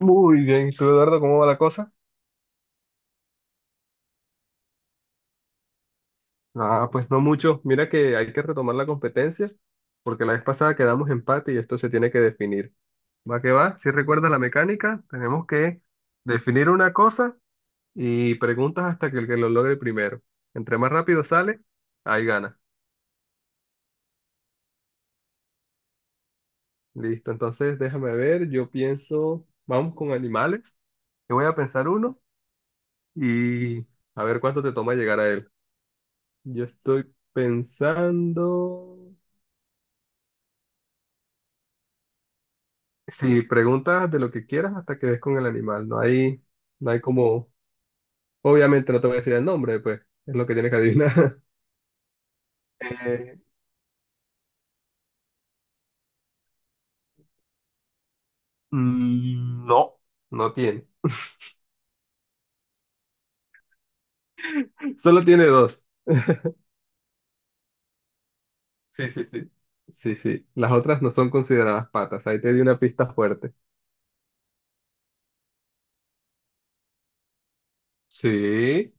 Muy bien, ¿y tú, Eduardo, cómo va la cosa? Ah, pues no mucho. Mira que hay que retomar la competencia, porque la vez pasada quedamos empate y esto se tiene que definir. ¿Va que va? Si recuerdas la mecánica, tenemos que definir una cosa y preguntas hasta que el que lo logre primero. Entre más rápido sale, ahí gana. Listo, entonces déjame ver, yo pienso, vamos con animales. Yo voy a pensar uno y a ver cuánto te toma llegar a él. Yo estoy pensando. Si preguntas de lo que quieras hasta que des con el animal, no hay como, obviamente no te voy a decir el nombre, pues es lo que tienes que adivinar. Eh, mm, no, no tiene. Solo tiene dos. Sí, sí, sí. Sí, sí. Las otras no son consideradas patas. Ahí te di una pista fuerte. Sí,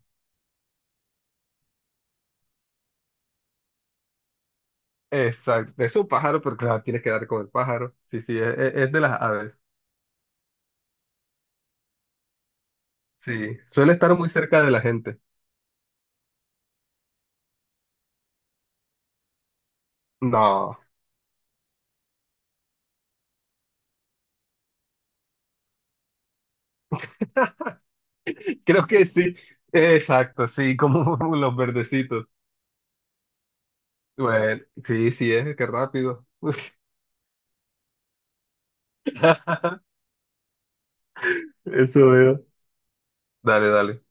exacto. Es un pájaro, pero claro, tienes que dar con el pájaro. Sí, sí, es de las aves. Sí, suele estar muy cerca de la gente. No, creo que sí. Exacto, sí, como los verdecitos. Bueno, sí, sí, es qué rápido. Eso veo. Dale, dale.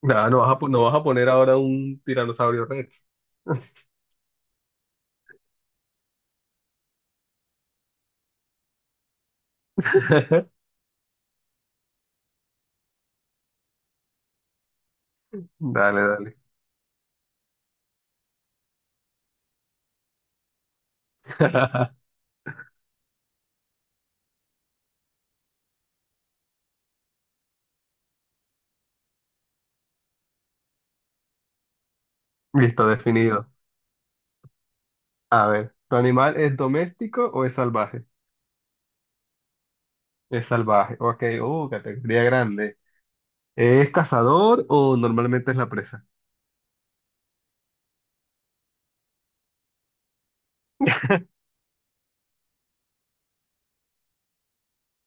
Nada, no vas a poner ahora un tiranosaurio Rex. Dale, dale. Listo, definido. A ver, ¿tu animal es doméstico o es salvaje? Es salvaje. Ok, categoría grande. ¿Es cazador o normalmente es la presa?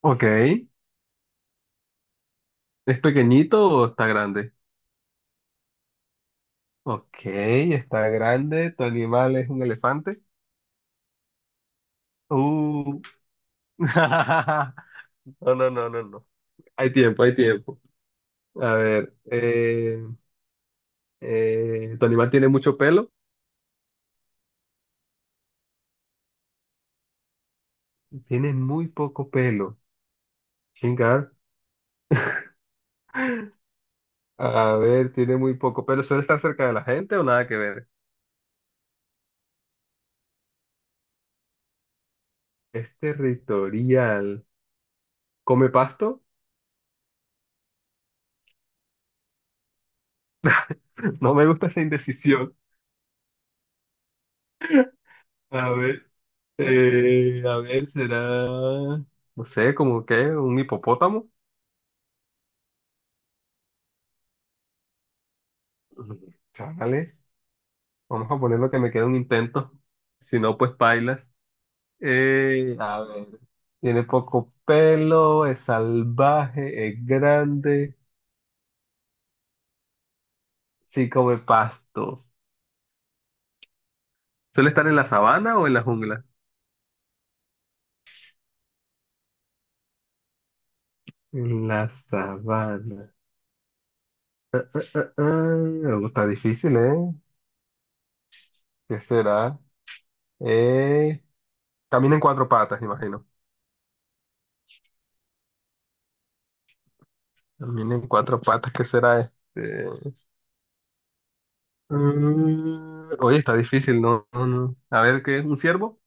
Ok. ¿Es pequeñito o está grande? Ok, está grande. ¿Tu animal es un elefante? Uh. No, no, no, no, no. Hay tiempo, hay tiempo. A ver, ¿tu animal tiene mucho pelo? Tiene muy poco pelo. Chingar. A ver, tiene muy poco pelo. ¿Suele estar cerca de la gente o nada que ver? Es territorial. ¿Come pasto? No me gusta esa indecisión. A ver, a ver, será, no sé, como que un hipopótamo. Chale, vamos a poner lo que me queda un intento. Si no, pues bailas. A ver, tiene poco pelo, es salvaje, es grande, sí come pasto. ¿Suele estar en la sabana o en la jungla? En la sabana. Ah, ah, oh, está difícil, ¿eh? ¿Qué será? Eh, camina en cuatro patas, imagino. Camina en cuatro patas, ¿qué será este? Oye, está difícil, ¿no? No, no. A ver, ¿qué es? ¿Un ciervo?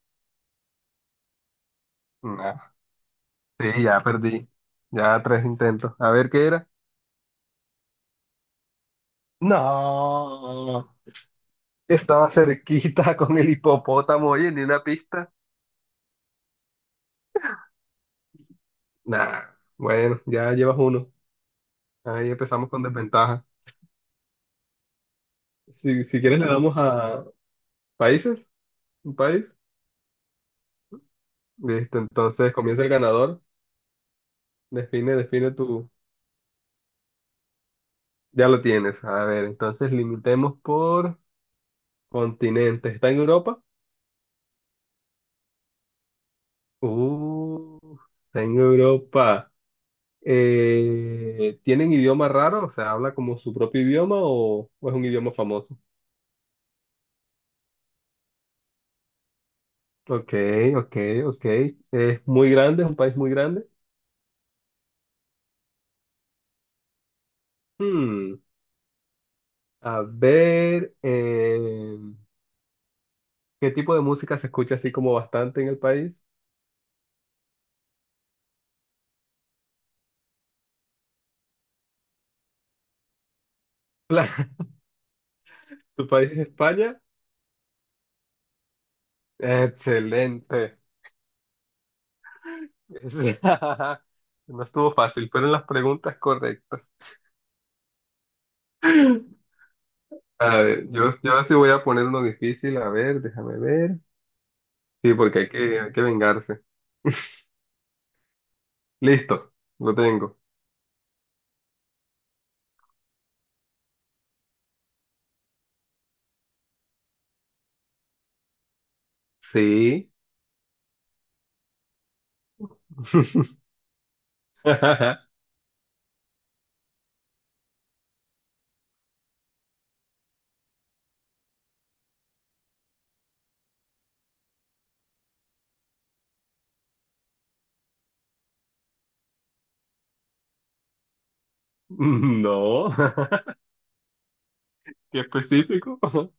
Nah, sí, ya perdí. Ya tres intentos. A ver, ¿qué era? No, estaba cerquita con el hipopótamo, oye, ni una pista. Nah, bueno, ya llevas uno. Ahí empezamos con desventaja. Si quieres le damos a países, un país. Listo, entonces comienza el ganador. Define tu. Ya lo tienes. A ver, entonces limitemos por continentes. ¿Está en Europa? Uh, está en Europa. ¿Tienen idioma raro? O sea, ¿habla como su propio idioma o es un idioma famoso? Ok, ok, ok. Es muy grande, es un país muy grande. Hmm, A ver, ¿qué tipo de música se escucha así como bastante en el país? Claro, ¿Tu país es España? Excelente. No estuvo fácil, fueron las preguntas correctas. A ver, yo sí voy a poner uno difícil. A ver, déjame ver. Sí, porque hay que vengarse. Listo, lo tengo. Sí. No. ¿Qué específico?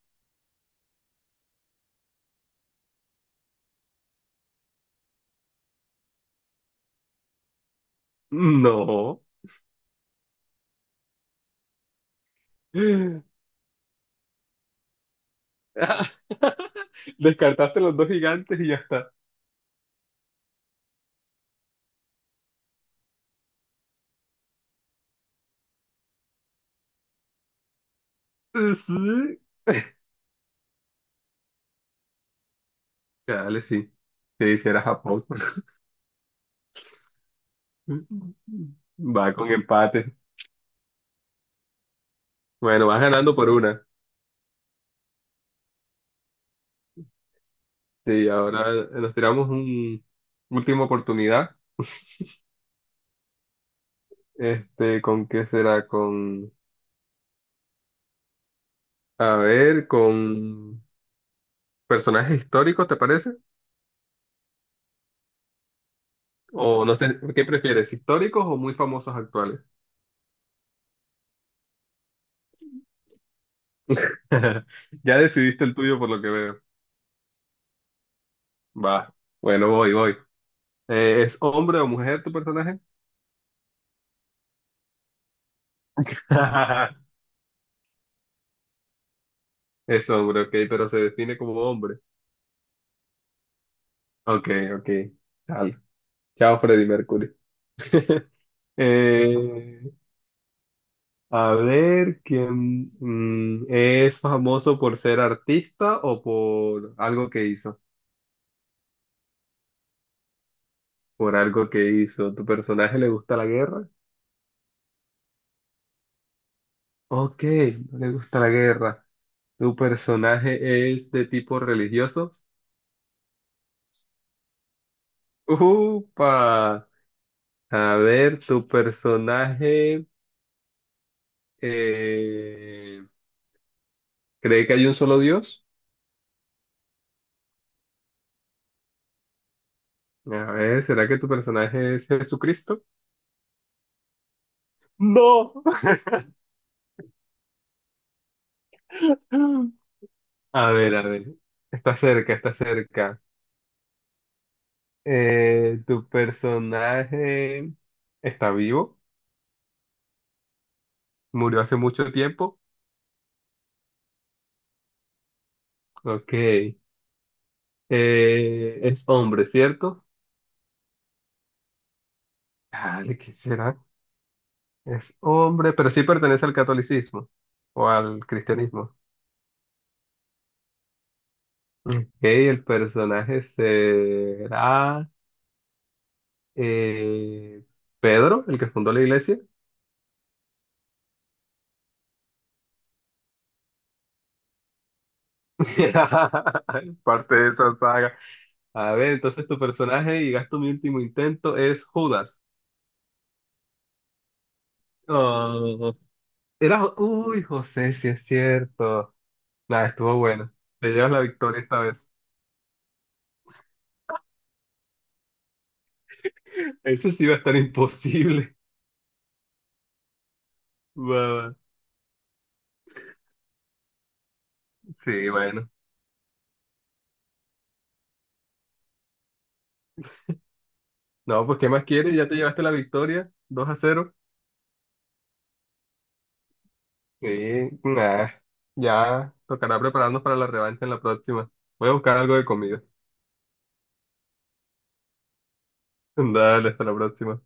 No. Descartaste los dos gigantes y ya está. Sí. Dale, sí. Sí, hiciera Japón. Va con empate. Bueno, vas ganando por una. Sí, ahora nos tiramos un última oportunidad. Este, ¿con qué será? A ver, con personajes históricos, ¿te parece? O no sé, ¿qué prefieres? ¿Históricos o muy famosos actuales? Ya decidiste el tuyo por lo que veo. Va. Bueno, voy, voy. ¿Es hombre o mujer tu personaje? Es hombre, ok, pero se define como hombre. Ok, ok. Chao, Chao, Freddie Mercury. Eh, a ver, ¿quién es famoso por ser artista o por algo que hizo? Por algo que hizo. ¿Tu personaje le gusta la guerra? Ok, no le gusta la guerra. ¿Tu personaje es de tipo religioso? Upa, a ver, tu personaje eh, cree que hay un solo Dios. A ver, ¿será que tu personaje es Jesucristo? No. A ver, está cerca, está cerca. ¿Tu personaje está vivo? ¿Murió hace mucho tiempo? Ok. Es hombre, ¿cierto? Dale, ¿qué será? Es hombre, pero sí pertenece al catolicismo o al cristianismo. Ok, el personaje será eh, Pedro, el que fundó la iglesia. Parte de esa saga. A ver, entonces tu personaje, y gasto mi último intento, es Judas. Oh, era, uy, José, sí es cierto. Nada, estuvo bueno. Te llevas la victoria esta vez. Eso sí va a estar imposible. Va, va. Sí, bueno. No, pues ¿qué más quieres? Ya te llevaste la victoria. 2-0. Sí, nah, ya tocará prepararnos para la revancha en la próxima. Voy a buscar algo de comida. Dale, hasta la próxima.